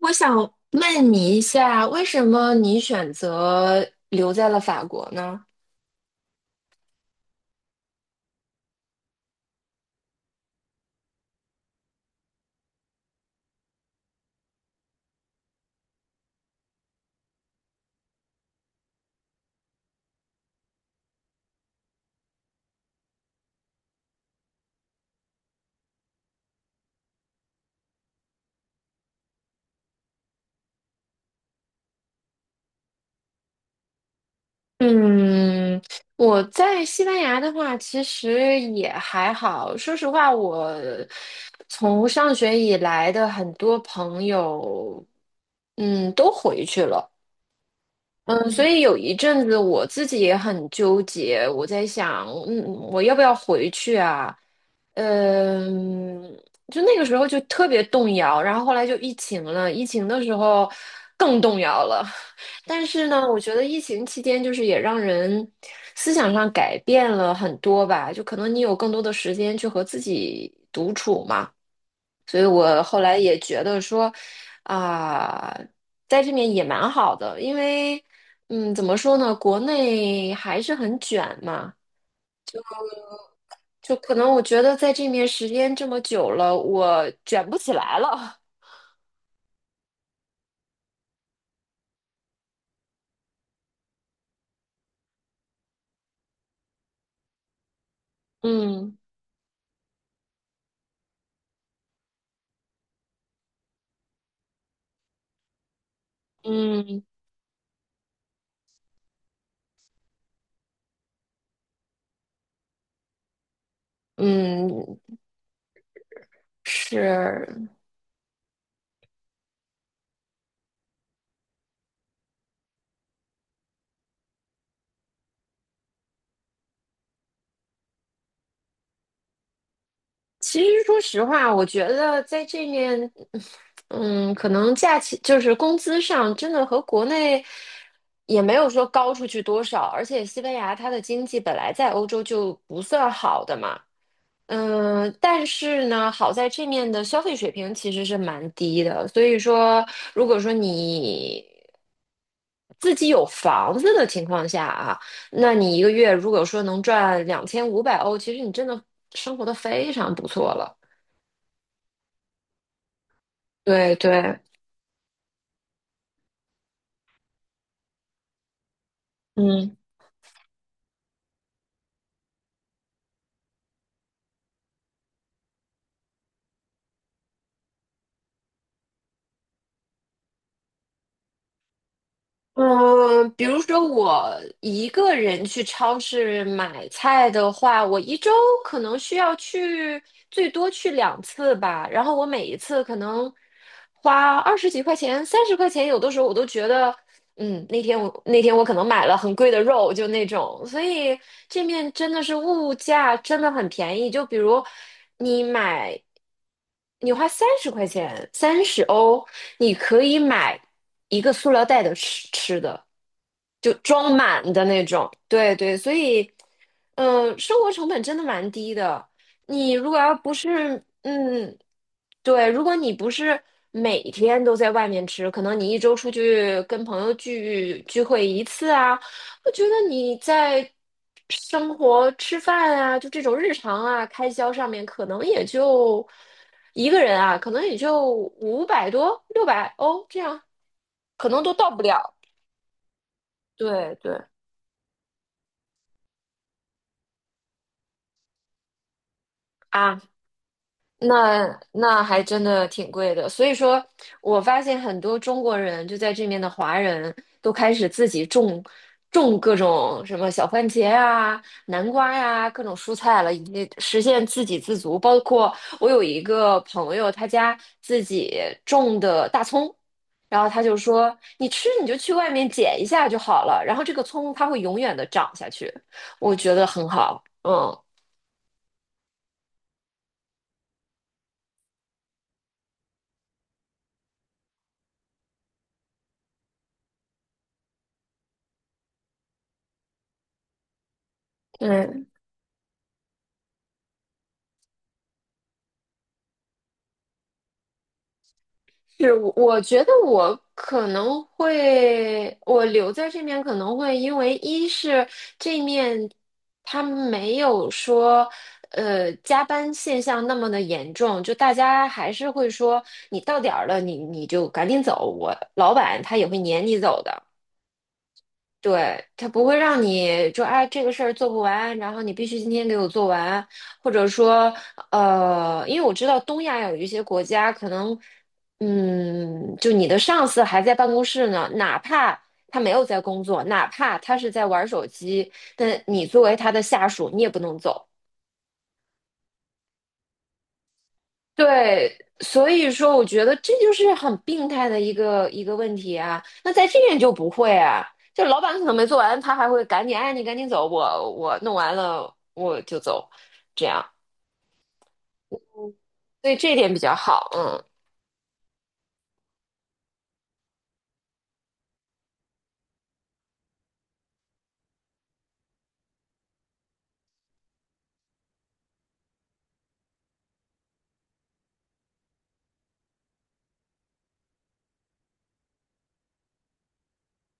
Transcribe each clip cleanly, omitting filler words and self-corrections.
我想问你一下，为什么你选择留在了法国呢？嗯，我在西班牙的话，其实也还好。说实话，我从上学以来的很多朋友，都回去了。嗯，所以有一阵子我自己也很纠结，我在想，我要不要回去啊？嗯，就那个时候就特别动摇，然后后来就疫情了，疫情的时候更动摇了。但是呢，我觉得疫情期间就是也让人思想上改变了很多吧，就可能你有更多的时间去和自己独处嘛。所以我后来也觉得说，啊、在这边也蛮好的，因为，怎么说呢，国内还是很卷嘛，就可能我觉得在这面时间这么久了，我卷不起来了。嗯嗯嗯，是。其实说实话，我觉得在这面。可能假期就是工资上真的和国内也没有说高出去多少，而且西班牙它的经济本来在欧洲就不算好的嘛，但是呢，好在这面的消费水平其实是蛮低的，所以说如果说你自己有房子的情况下啊，那你一个月如果说能赚2500欧，其实你真的生活的非常不错了。对对，嗯。嗯，比如说我一个人去超市买菜的话，我一周可能需要去最多去两次吧，然后我每一次可能花20几块钱、三十块钱，有的时候我都觉得那天我可能买了很贵的肉，就那种，所以这面真的是物价真的很便宜。就比如你买，你花三十块钱，30欧，你可以买一个塑料袋的吃吃的，就装满的那种。对对，所以，生活成本真的蛮低的。你如果要不是，对，如果你不是每天都在外面吃，可能你一周出去跟朋友聚会一次啊，我觉得你在生活吃饭啊，就这种日常啊开销上面，可能也就一个人啊，可能也就500多、600欧这样，可能都到不了。对对。啊。那还真的挺贵的，所以说我发现很多中国人就在这面的华人都开始自己种各种什么小番茄啊、南瓜呀、各种蔬菜了，以及实现自给自足。包括我有一个朋友，他家自己种的大葱，然后他就说：“你吃你就去外面捡一下就好了，然后这个葱它会永远的长下去。”我觉得很好，嗯。是，我觉得我可能会，我留在这面可能会因为一是这面他没有说，加班现象那么的严重，就大家还是会说你到点儿了，你就赶紧走，我老板他也会撵你走的。对，他不会让你说，哎这个事儿做不完，然后你必须今天给我做完，或者说因为我知道东亚有一些国家可能，就你的上司还在办公室呢，哪怕他没有在工作，哪怕他是在玩手机，但你作为他的下属，你也不能走。对，所以说我觉得这就是很病态的一个问题啊。那在这边就不会啊，就老板可能没做完，他还会赶紧，哎，你赶紧走，我弄完了我就走，这样，所以这一点比较好。嗯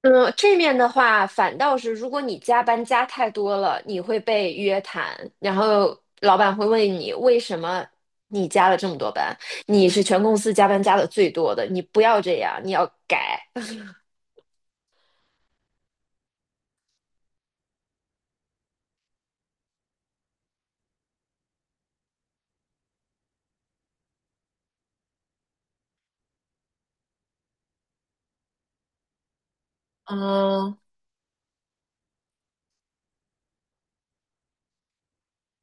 嗯，这面的话，反倒是如果你加班加太多了，你会被约谈，然后老板会问你为什么你加了这么多班，你是全公司加班加的最多的，你不要这样，你要改。嗯，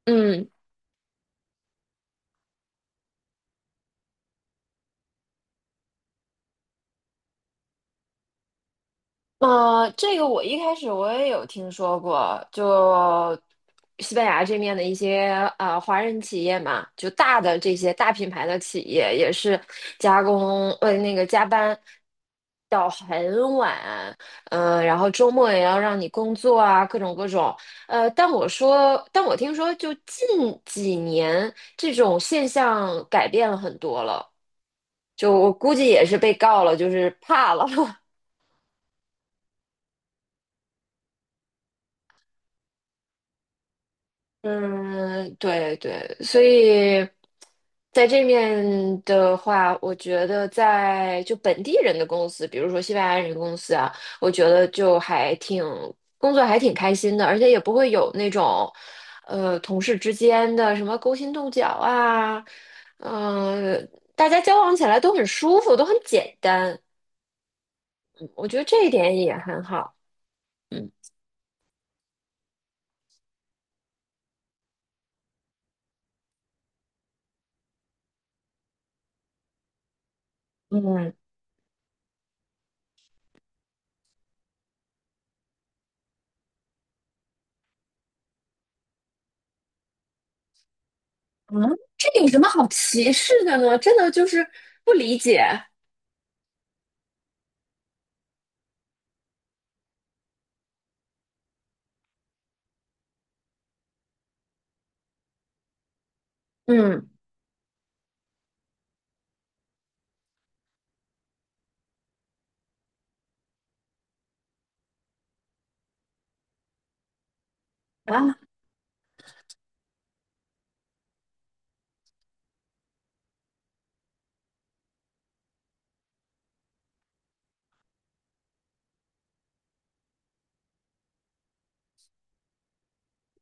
嗯。这个我一开始我也有听说过，就西班牙这面的一些华人企业嘛，就大的这些大品牌的企业也是加工呃那个加班到很晚，然后周末也要让你工作啊，各种各种。但我听说就近几年这种现象改变了很多了，就我估计也是被告了，就是怕了。嗯，对对，所以在这面的话，我觉得在就本地人的公司，比如说西班牙人公司啊，我觉得就还挺工作还挺开心的，而且也不会有那种同事之间的什么勾心斗角啊，嗯，大家交往起来都很舒服，都很简单，嗯我觉得这一点也很好。嗯。嗯嗯，这有什么好歧视的呢？真的就是不理解。嗯啊，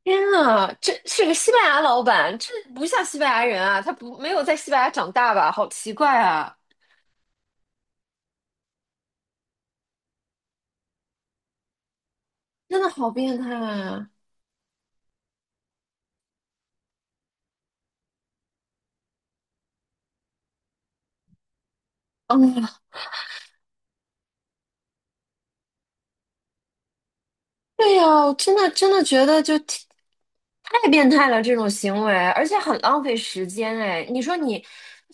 天啊，这是个西班牙老板，这不像西班牙人啊，他不没有在西班牙长大吧？好奇怪啊，真的好变态啊！嗯，对呀，我真的真的觉得就挺太变态了这种行为，而且很浪费时间哎。你说你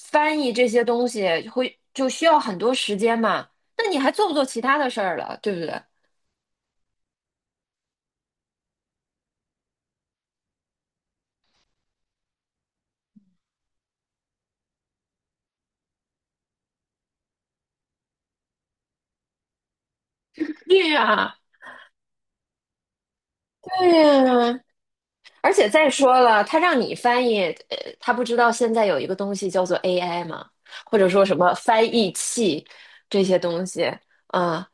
翻译这些东西会就需要很多时间嘛？那你还做不做其他的事儿了，对不对？对呀，对呀，而且再说了，他让你翻译，他不知道现在有一个东西叫做 AI 吗？或者说什么翻译器这些东西，啊、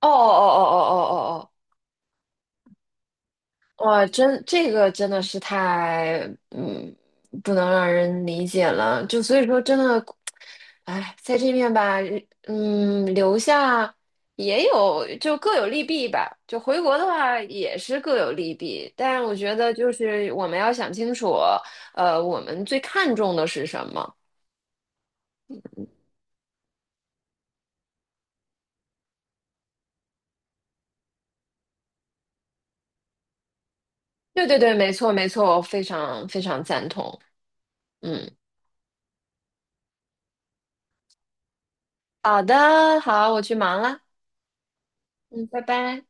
哦哦哦哦哦哦哦哇，真这个真的是太嗯，不能让人理解了。就所以说，真的，哎，在这面吧，留下也有就各有利弊吧。就回国的话也是各有利弊，但我觉得就是我们要想清楚，我们最看重的是什么？对对对，没错没错，我非常非常赞同。嗯，好的，好，我去忙了。嗯，拜拜。